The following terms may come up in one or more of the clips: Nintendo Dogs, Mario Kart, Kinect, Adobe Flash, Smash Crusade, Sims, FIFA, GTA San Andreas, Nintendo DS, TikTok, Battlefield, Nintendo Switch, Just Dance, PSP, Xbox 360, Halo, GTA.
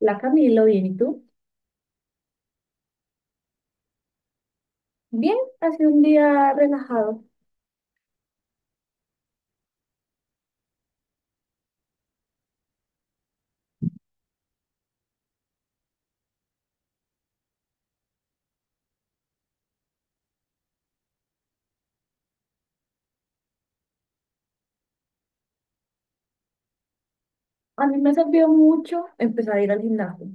La Camilo, bien, ¿y tú? Bien, ha sido un día relajado. A mí me ha servido mucho empezar a ir al gimnasio.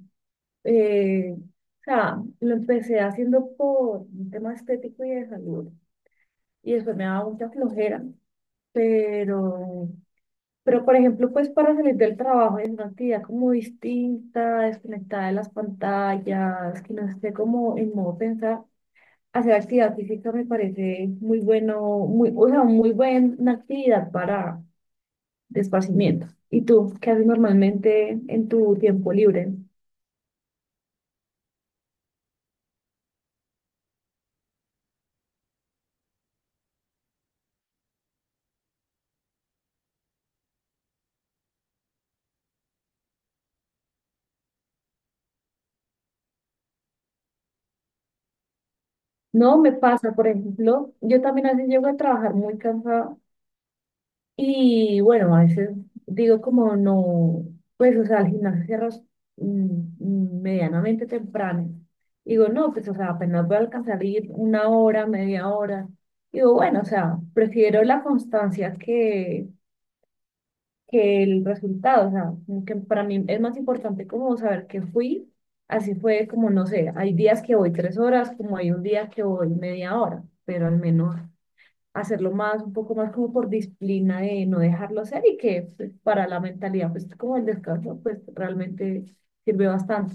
Eh, o sea, lo empecé haciendo por un tema estético y de salud. Y después me daba mucha flojera. Pero, pero por ejemplo, pues para salir del trabajo es una actividad como distinta, desconectada de las pantallas, que no esté como en modo pensar. Hacer actividad física me parece muy bueno, muy, o sea, muy buena actividad para de esparcimiento. ¿Y tú qué haces normalmente en tu tiempo libre? No me pasa, por ejemplo, yo también a veces llego a trabajar muy cansada y bueno, a veces digo como no, pues o sea, al gimnasio cierras medianamente temprano. Digo, no, pues o sea, apenas voy a alcanzar a ir una hora, media hora. Digo, bueno, o sea, prefiero la constancia que el resultado, o sea, como que para mí es más importante como saber que fui, así fue como, no sé, hay días que voy tres horas, como hay un día que voy media hora, pero al menos hacerlo más, un poco más como por disciplina de no dejarlo hacer y que pues, para la mentalidad, pues como el descanso, pues realmente sirve bastante.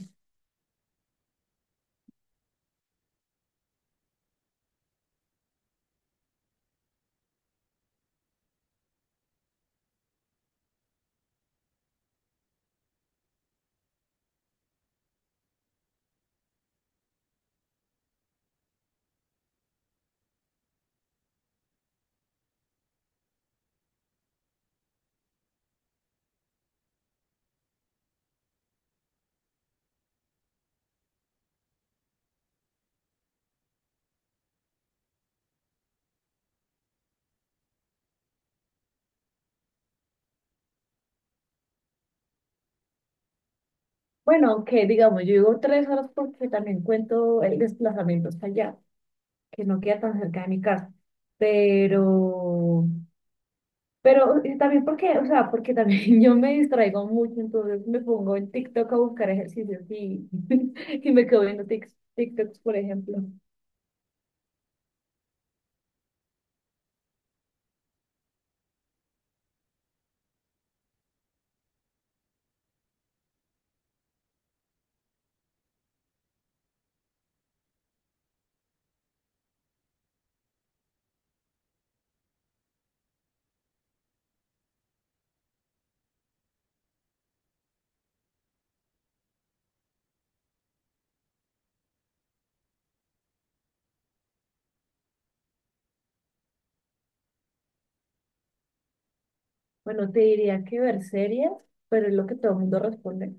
Bueno, aunque digamos, yo digo tres horas porque también cuento el desplazamiento hasta allá, que no queda tan cerca de mi casa, pero... Pero también porque, o sea, porque también yo me distraigo mucho, entonces me pongo en TikTok a buscar ejercicios y, y me quedo viendo TikToks, por ejemplo. Bueno, te diría que ver series, pero es lo que todo el mundo responde.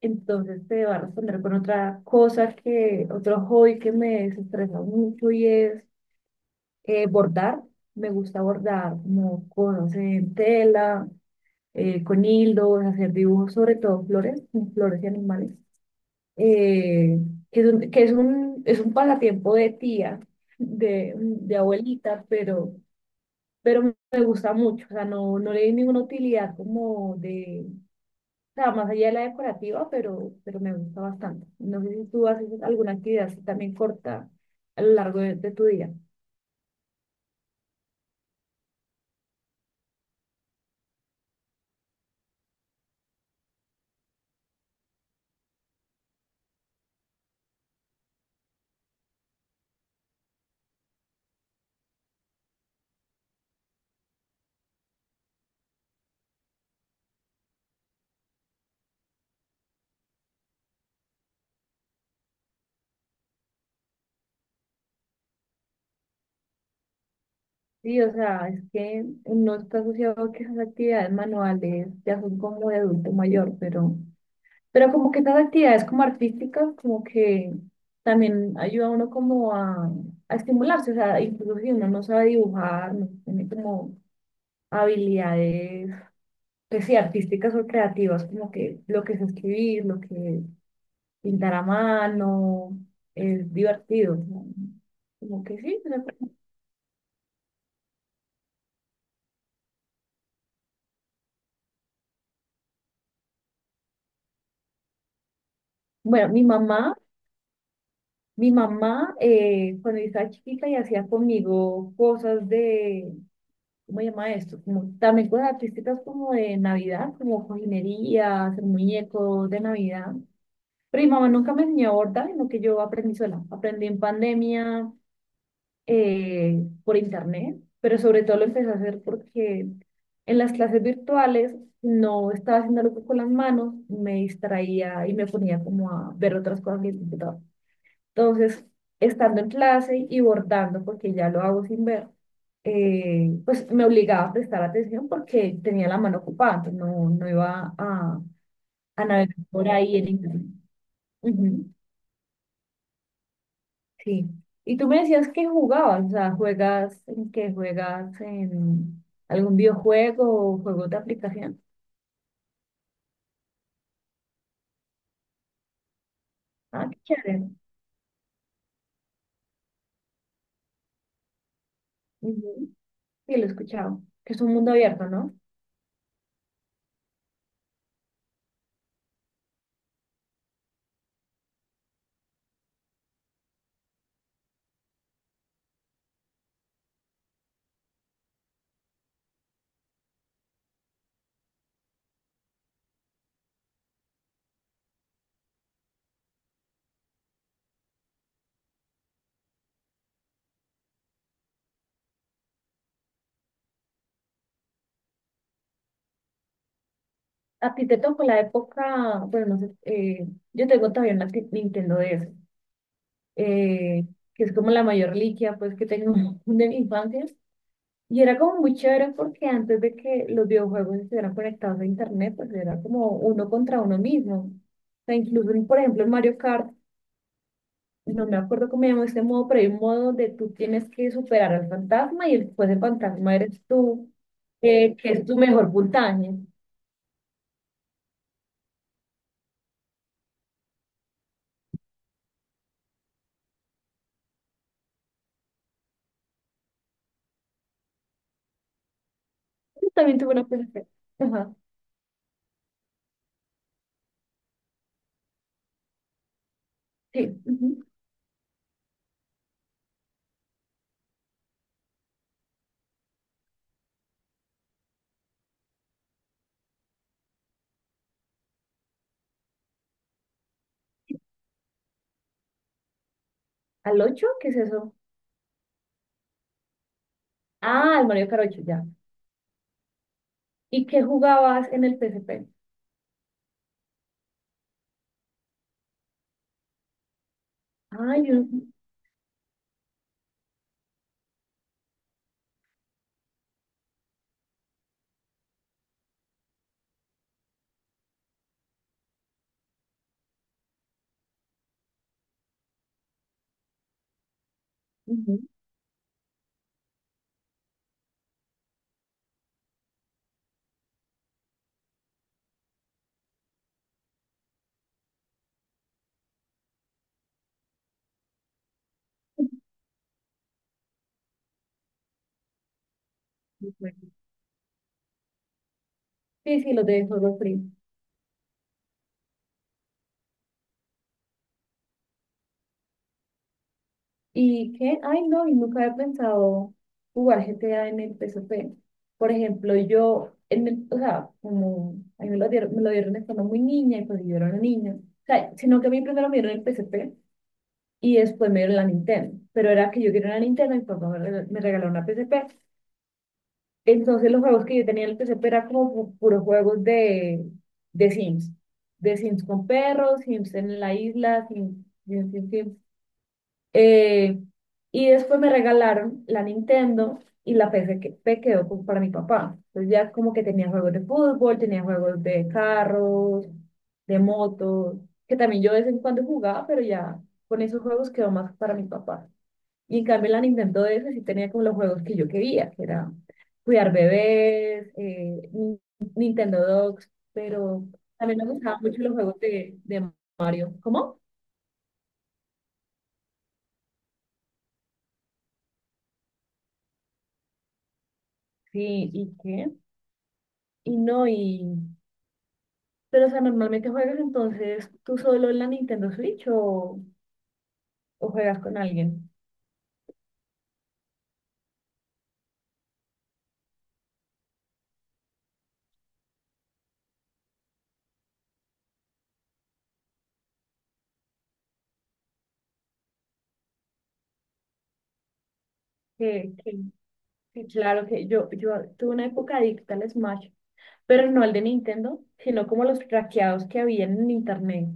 Entonces te va a responder con otra cosa que, otro hobby que me desestresa mucho y es bordar. Me gusta bordar como cosas en tela, con hilos, hacer dibujos, sobre todo flores, flores y animales. eh, es un pasatiempo de tía, de abuelita, pero me gusta mucho, o sea, no, no le di ninguna utilidad como de, o sea, más allá de la decorativa, pero me gusta bastante. No sé si tú haces alguna actividad así también corta a lo largo de tu día. Sí, o sea, es que no está asociado a que esas actividades manuales ya son como de adulto mayor, pero... Pero como que estas actividades como artísticas, como que también ayuda a uno como a estimularse, o sea, incluso si uno no sabe dibujar, no tiene como habilidades, pues sí, artísticas o creativas, como que lo que es escribir, lo que es pintar a mano, es divertido, ¿no? Como que sí, o sea, bueno, mi mamá, cuando yo estaba chiquita y hacía conmigo cosas de ¿cómo se llama esto? Como, también cosas artísticas como de Navidad, como cojinería, hacer muñecos de Navidad. Pero mi mamá nunca me enseñó a bordar, sino que yo aprendí sola. Aprendí en pandemia por internet, pero sobre todo lo empecé a hacer porque en las clases virtuales no estaba haciendo algo con las manos, me distraía y me ponía como a ver otras cosas en el computador. Entonces, estando en clase y bordando, porque ya lo hago sin ver, pues me obligaba a prestar atención porque tenía la mano ocupada, entonces no, no iba a a, navegar por ahí en internet. Ujú, sí. Y tú me decías que jugabas, o sea, juegas en qué juegas en algún videojuego o juego de aplicación. Ah, qué chévere. Ujú, sí, lo he escuchado. Que es un mundo abierto, ¿no? A ti te tocó la época, bueno, no sé, yo tengo todavía una Nintendo DS. eh, que es como la mayor reliquia pues que tengo de mi infancia. Y era como muy chévere porque antes de que los videojuegos estuvieran conectados a internet, pues era como uno contra uno mismo. O sea, incluso, por ejemplo, en Mario Kart, no me acuerdo cómo se llama este modo, pero hay un modo donde tú tienes que superar al fantasma y después el fantasma eres tú, que es tu mejor puntaje. Yo también tuve una PSP. Ajá, sí, ujú. ¿Al ocho? ¿Qué es eso? Ah, el Mario Kart 8 ya. ¿Y qué jugabas en el PSP? Ay, yo- ujú. Sí, sí, los de Halo Free. ¿Y qué? Ay, no, y nunca había pensado jugar GTA en el P S P. Por ejemplo, yo, o sea, como a mí me lo dieron estando muy niña y pues yo era una niña. O sea, sino que a mí primero me dieron el P S P y después me dieron la Nintendo. Pero era que yo quería una Nintendo y mi papá me regaló una P S P. Entonces los juegos que yo tenía en el PCP eran como puros juegos de Sims. De Sims con perros, Sims en la isla, Sims. Eh, y después me regalaron la Nintendo y la P C que quedó como para mi papá. Entonces ya como que tenía juegos de fútbol, tenía juegos de carros, de motos, que también yo de vez en cuando jugaba, pero ya con esos juegos quedó más para mi papá. Y en cambio la Nintendo DS sí tenía como los juegos que yo quería, que era cuidar bebés, Nintendo Dogs, pero también me gustaban mucho los juegos de Mario. ¿Cómo? Sí, ¿y qué? Y no, y... Pero, o sea, normalmente juegas entonces tú solo en la Nintendo Switch o juegas con alguien. Que, que, que claro que yo tuve una época adicta al Smash, pero no al de Nintendo, sino como los traqueados que había en internet.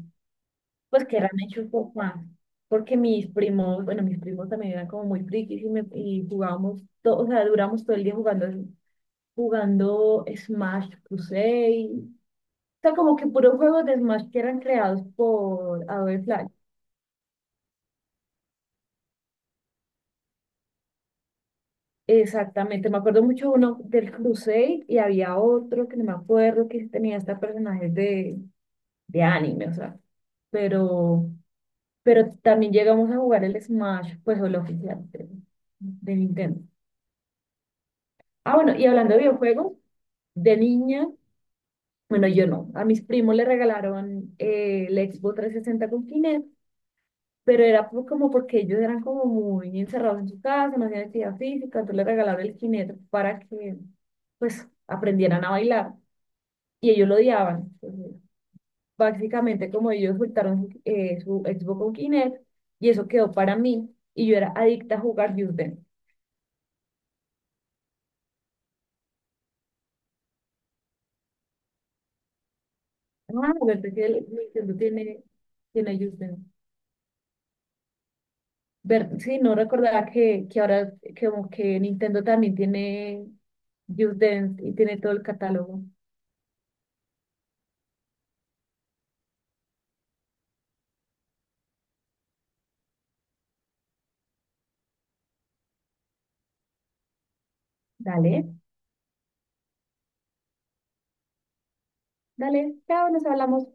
Pues que eran hechos por Juan, porque mis primos, bueno, mis primos también eran como muy frikis y jugábamos, todo, o sea, duramos todo el día jugando, jugando Smash Crusade, o sea, como que puros juegos de Smash que eran creados por Adobe Flash. Exactamente, me acuerdo mucho uno del Crusade y había otro que no me acuerdo que tenía hasta personajes de anime, o sea, pero, pero también llegamos a jugar el Smash, pues el oficial de Nintendo. Ah, bueno, y hablando de videojuegos, de niña, bueno, yo no. A mis primos le regalaron el Xbox 360 con Kinect, pero era como porque ellos eran como muy encerrados en su casa, no hacían actividad física, entonces le regalaron el Kinect para que, pues, aprendieran a bailar. Y ellos lo odiaban. Entonces, básicamente, como ellos soltaron su, su Xbox con Kinect, y eso quedó para mí, y yo era adicta a jugar Just Dance. Ah, verdad que el Nintendo tiene, tiene Just Dance. Ver, sí, no recordaba que ahora que como que Nintendo también tiene Just Dance y tiene todo el catálogo. Dale, dale, chao, nos hablamos.